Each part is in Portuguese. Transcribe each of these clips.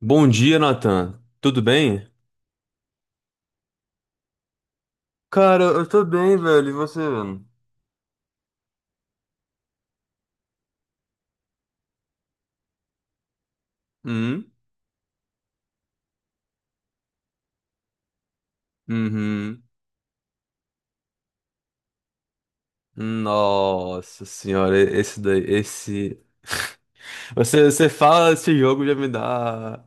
Bom dia, Nathan. Tudo bem? Cara, eu tô bem, velho. E você, mano? Hum? Uhum. Nossa senhora, esse daí, esse. Você fala esse jogo já me dá.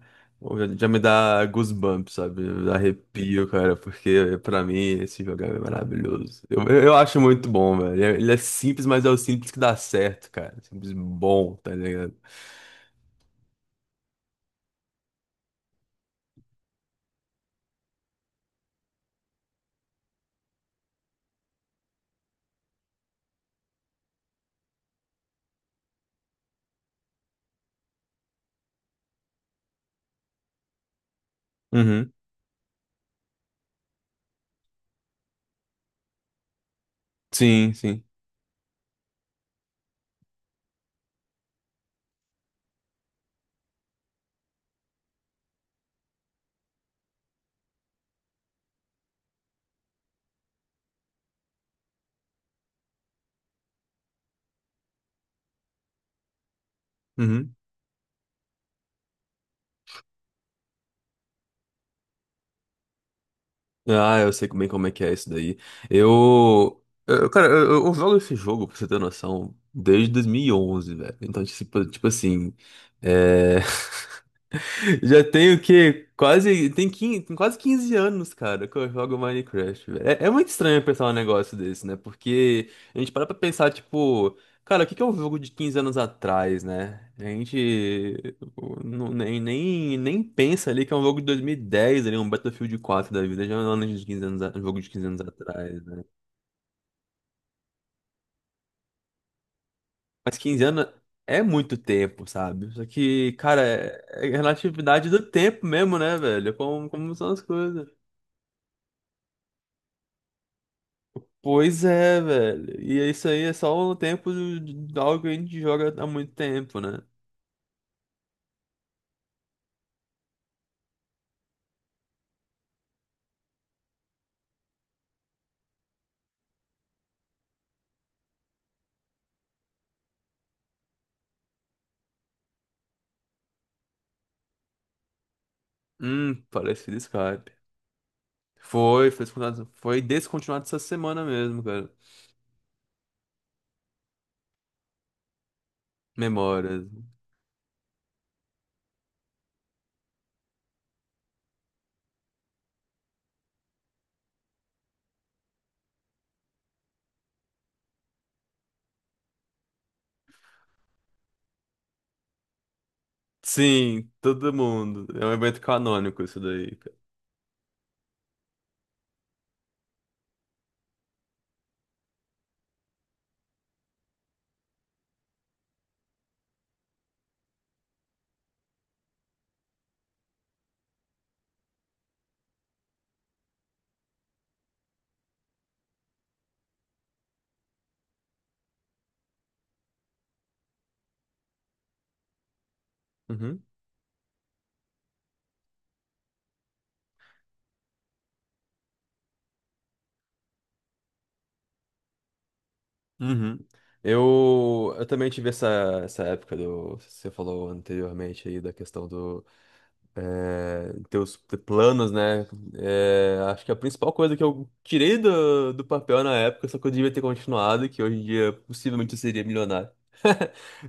Já me dá goosebumps, sabe? Me dá arrepio, cara, porque pra mim esse jogo é maravilhoso. Eu acho muito bom, velho. Ele é simples, mas é o simples que dá certo, cara. Simples bom, tá ligado? Uhum. Sim, sim. Uhum. Ah, eu sei bem como é que é isso daí. Cara, eu jogo esse jogo, pra você ter noção, desde 2011, velho. Então, tipo assim, é... já tenho o quê? Quase, tem 15, tem quase 15 anos, cara, que eu jogo Minecraft, velho. É muito estranho pensar um negócio desse, né? Porque a gente para pra pensar, tipo. Cara, o que que é um jogo de 15 anos atrás, né? A gente o, não- nem, nem, nem pensa ali que é um jogo de 2010 ali, um Battlefield 4 da vida, já é um ano de 15 anos, um jogo de quinze anos atrás, né? Mas 15 anos é muito tempo, sabe? Só que, cara, é relatividade do tempo mesmo, né, velho? Como são as coisas. Pois é, velho. E é isso aí é só o tempo de algo que a gente joga há muito tempo, né? Parece Escape. Foi descontinuado essa semana mesmo, cara. Memórias. Sim, todo mundo. É um evento canônico isso daí, cara. Uhum. Uhum. Eu também tive essa, essa época do. Você falou anteriormente aí da questão do. É, teus planos, né? É, acho que a principal coisa que eu tirei do papel na época, só que eu devia ter continuado, que hoje em dia possivelmente eu seria milionário.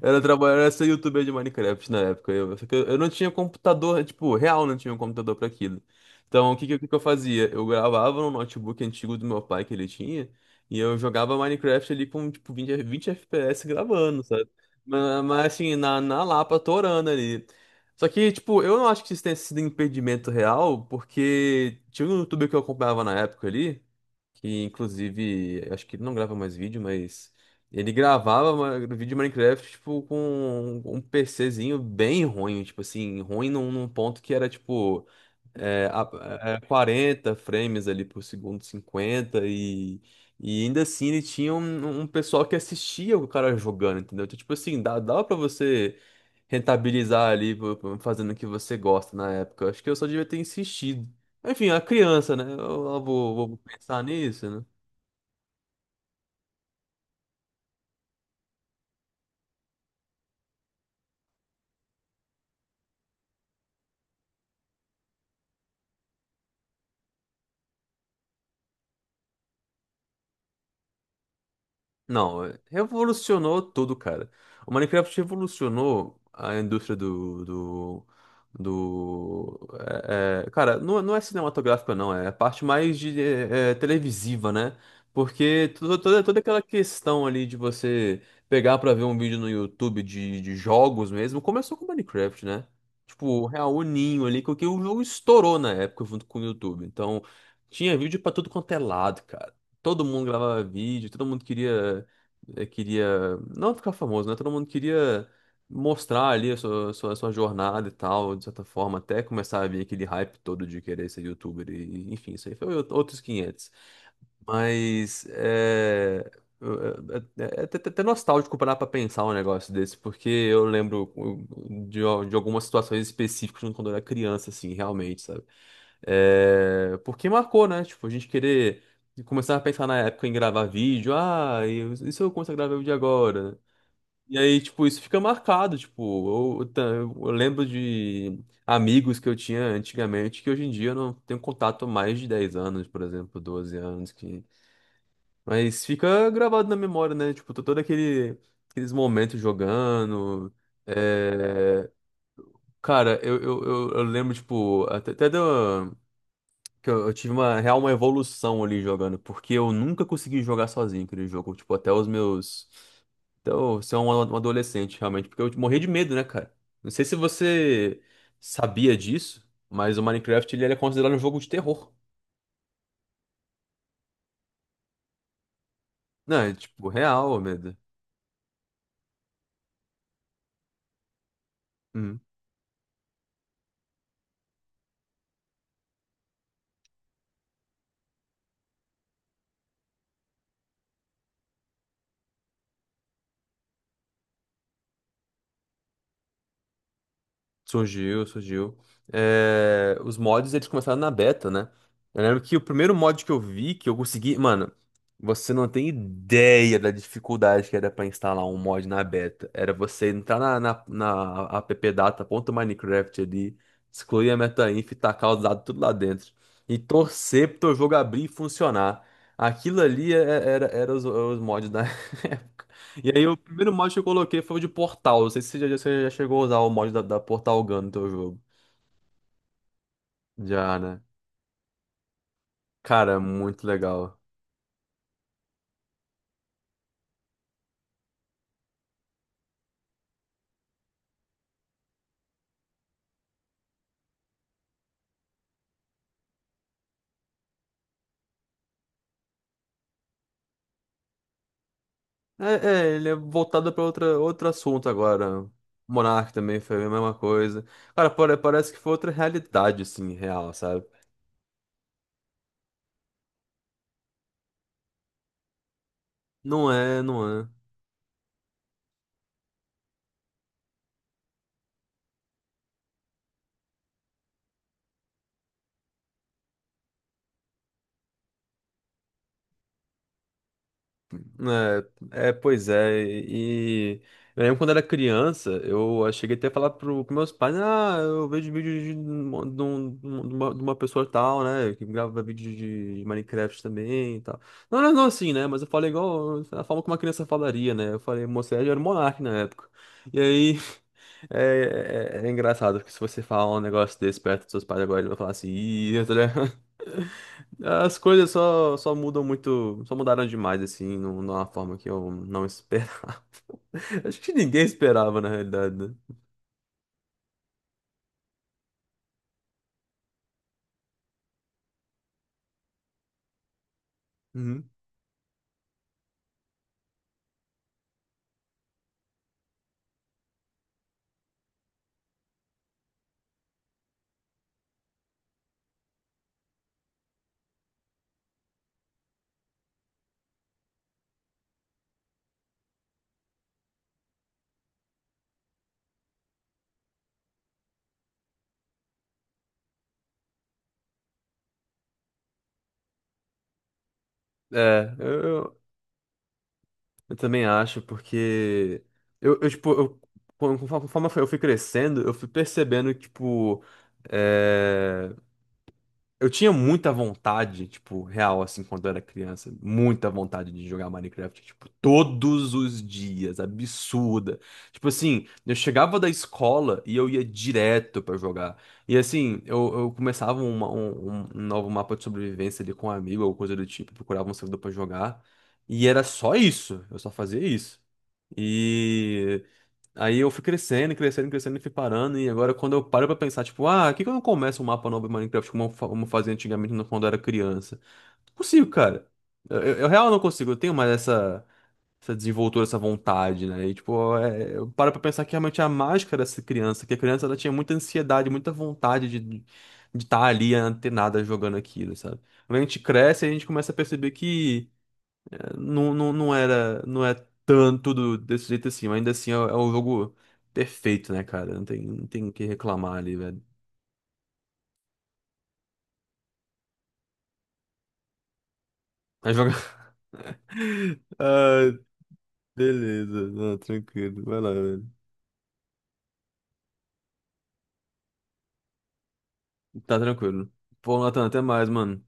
Era trabalhar, era ser youtuber de Minecraft na época. Só que eu não tinha computador, tipo, real não tinha um computador pra aquilo. Então, o que que eu fazia? Eu gravava no notebook antigo do meu pai que ele tinha, e eu jogava Minecraft ali com, tipo, 20 FPS gravando, sabe? Mas, assim, na Lapa, torando ali. Só que, tipo, eu não acho que isso tenha sido impedimento real, porque tinha um youtuber que eu acompanhava na época ali, que inclusive, acho que ele não grava mais vídeo, mas ele gravava vídeo de Minecraft, tipo, com um PCzinho bem ruim, tipo assim, ruim num ponto que era, tipo, é, a- 40 frames ali por segundo, 50, e ainda assim ele tinha um pessoal que assistia o cara jogando, entendeu? Então, tipo assim, dava pra você rentabilizar ali, pô, pô, fazendo o que você gosta na época. Acho que eu só devia ter insistido. Enfim, a criança, né? Eu vou pensar nisso, né? Não, é, revolucionou tudo, cara. O Minecraft revolucionou a indústria do, cara, não, não é cinematográfica não, é a parte mais de televisiva, né? Porque toda aquela questão ali de você pegar pra ver um vídeo no YouTube de jogos mesmo, começou com o Minecraft, né? Tipo, o real o ninho ali, que o jogo estourou na época junto com o YouTube. Então, tinha vídeo pra tudo quanto é lado, cara. Todo mundo gravava vídeo, todo mundo queria não ficar famoso, né? Todo mundo queria mostrar ali a sua jornada e tal, de certa forma, até começar a vir aquele hype todo de querer ser youtuber e, enfim, isso aí foi outros 500 mas é, até nostálgico parar pra pensar um negócio desse, porque eu lembro de algumas situações específicas quando eu era criança, assim, realmente, sabe? É, porque marcou, né? Tipo, a gente querer começar a pensar na época em gravar vídeo, ah, e se eu começar a gravar vídeo agora? E aí, tipo, isso fica marcado, tipo, eu lembro de amigos que eu tinha antigamente que hoje em dia eu não tenho contato há mais de 10 anos, por exemplo, 12 anos, que mas fica gravado na memória, né? Tipo, aqueles momentos jogando. é, Cara, eu lembro, tipo, que eu, tive uma real uma evolução ali jogando, porque eu nunca consegui jogar sozinho aquele jogo. Tipo, até os meus. Então, você é um adolescente, realmente, porque eu morri de medo, né, cara? Não sei se você sabia disso, mas o Minecraft ele era considerado um jogo de terror. Não, é tipo, real, medo. Uhum. Surgiu, surgiu. É, os mods, eles começaram na beta, né? Eu lembro que o primeiro mod que eu vi, que eu consegui... Mano, você não tem ideia da dificuldade que era pra instalar um mod na beta. Era você entrar na appdata.minecraft ali, excluir a metainf e tacar os dados tudo lá dentro. E torcer pro teu jogo abrir e funcionar. Aquilo ali era os mods da época. E aí o primeiro mod que eu coloquei foi o de Portal. Não sei se você já, você já chegou a usar o mod da Portal Gun no teu jogo. Já, né? Cara, é muito legal. É, ele é voltado pra outro assunto agora. Monarch também foi a mesma coisa. Cara, parece que foi outra realidade, assim, real, sabe? Não é, não é. Pois é, e eu lembro quando era criança, eu cheguei até a falar pros meus pais, ah, eu vejo vídeo de uma pessoa tal, né, que grava vídeo de Minecraft também e tal. Não, não, não assim, né, mas eu falei igual, a forma como uma criança falaria, né, eu falei, moça, eu era um monarca na época. E aí, é engraçado, porque se você falar um negócio desse perto dos seus pais agora, ele vai falar assim, ih, tá ligado? As coisas só mudam muito, só mudaram demais, assim, numa forma que eu não esperava. Acho que ninguém esperava, na realidade, né? Uhum. É, eu, eu, eu também acho, porque tipo, conforme eu fui crescendo, eu fui percebendo que, tipo, é, eu tinha muita vontade, tipo, real, assim, quando eu era criança, muita vontade de jogar Minecraft, tipo, todos os dias, absurda. Tipo assim, eu chegava da escola e eu ia direto pra jogar. E assim, eu começava um novo mapa de sobrevivência ali com um amigo ou coisa do tipo, procurava um servidor pra jogar. E era só isso, eu só fazia isso. E. Aí eu fui crescendo, crescendo, crescendo e fui parando. E agora, quando eu paro pra pensar, tipo, ah, por que que eu não começo um mapa novo em Minecraft como como eu fazia antigamente quando eu era criança? Não consigo, cara. Eu real não consigo. Eu tenho mais essa desenvoltura, essa vontade, né? E, tipo, eu paro pra pensar que realmente a mágica dessa criança, que a criança ela tinha muita ansiedade, muita vontade de estar de tá ali antenada jogando aquilo, sabe? Quando a gente cresce, a gente começa a perceber que. Não, não, não era, não é tanto desse jeito assim, mas ainda assim é o jogo perfeito, né, cara? Não tem o que reclamar ali, velho. Mas joga. Ah, beleza, não, tranquilo, vai lá, velho. Tá tranquilo. Pô, Nathan, até mais, mano.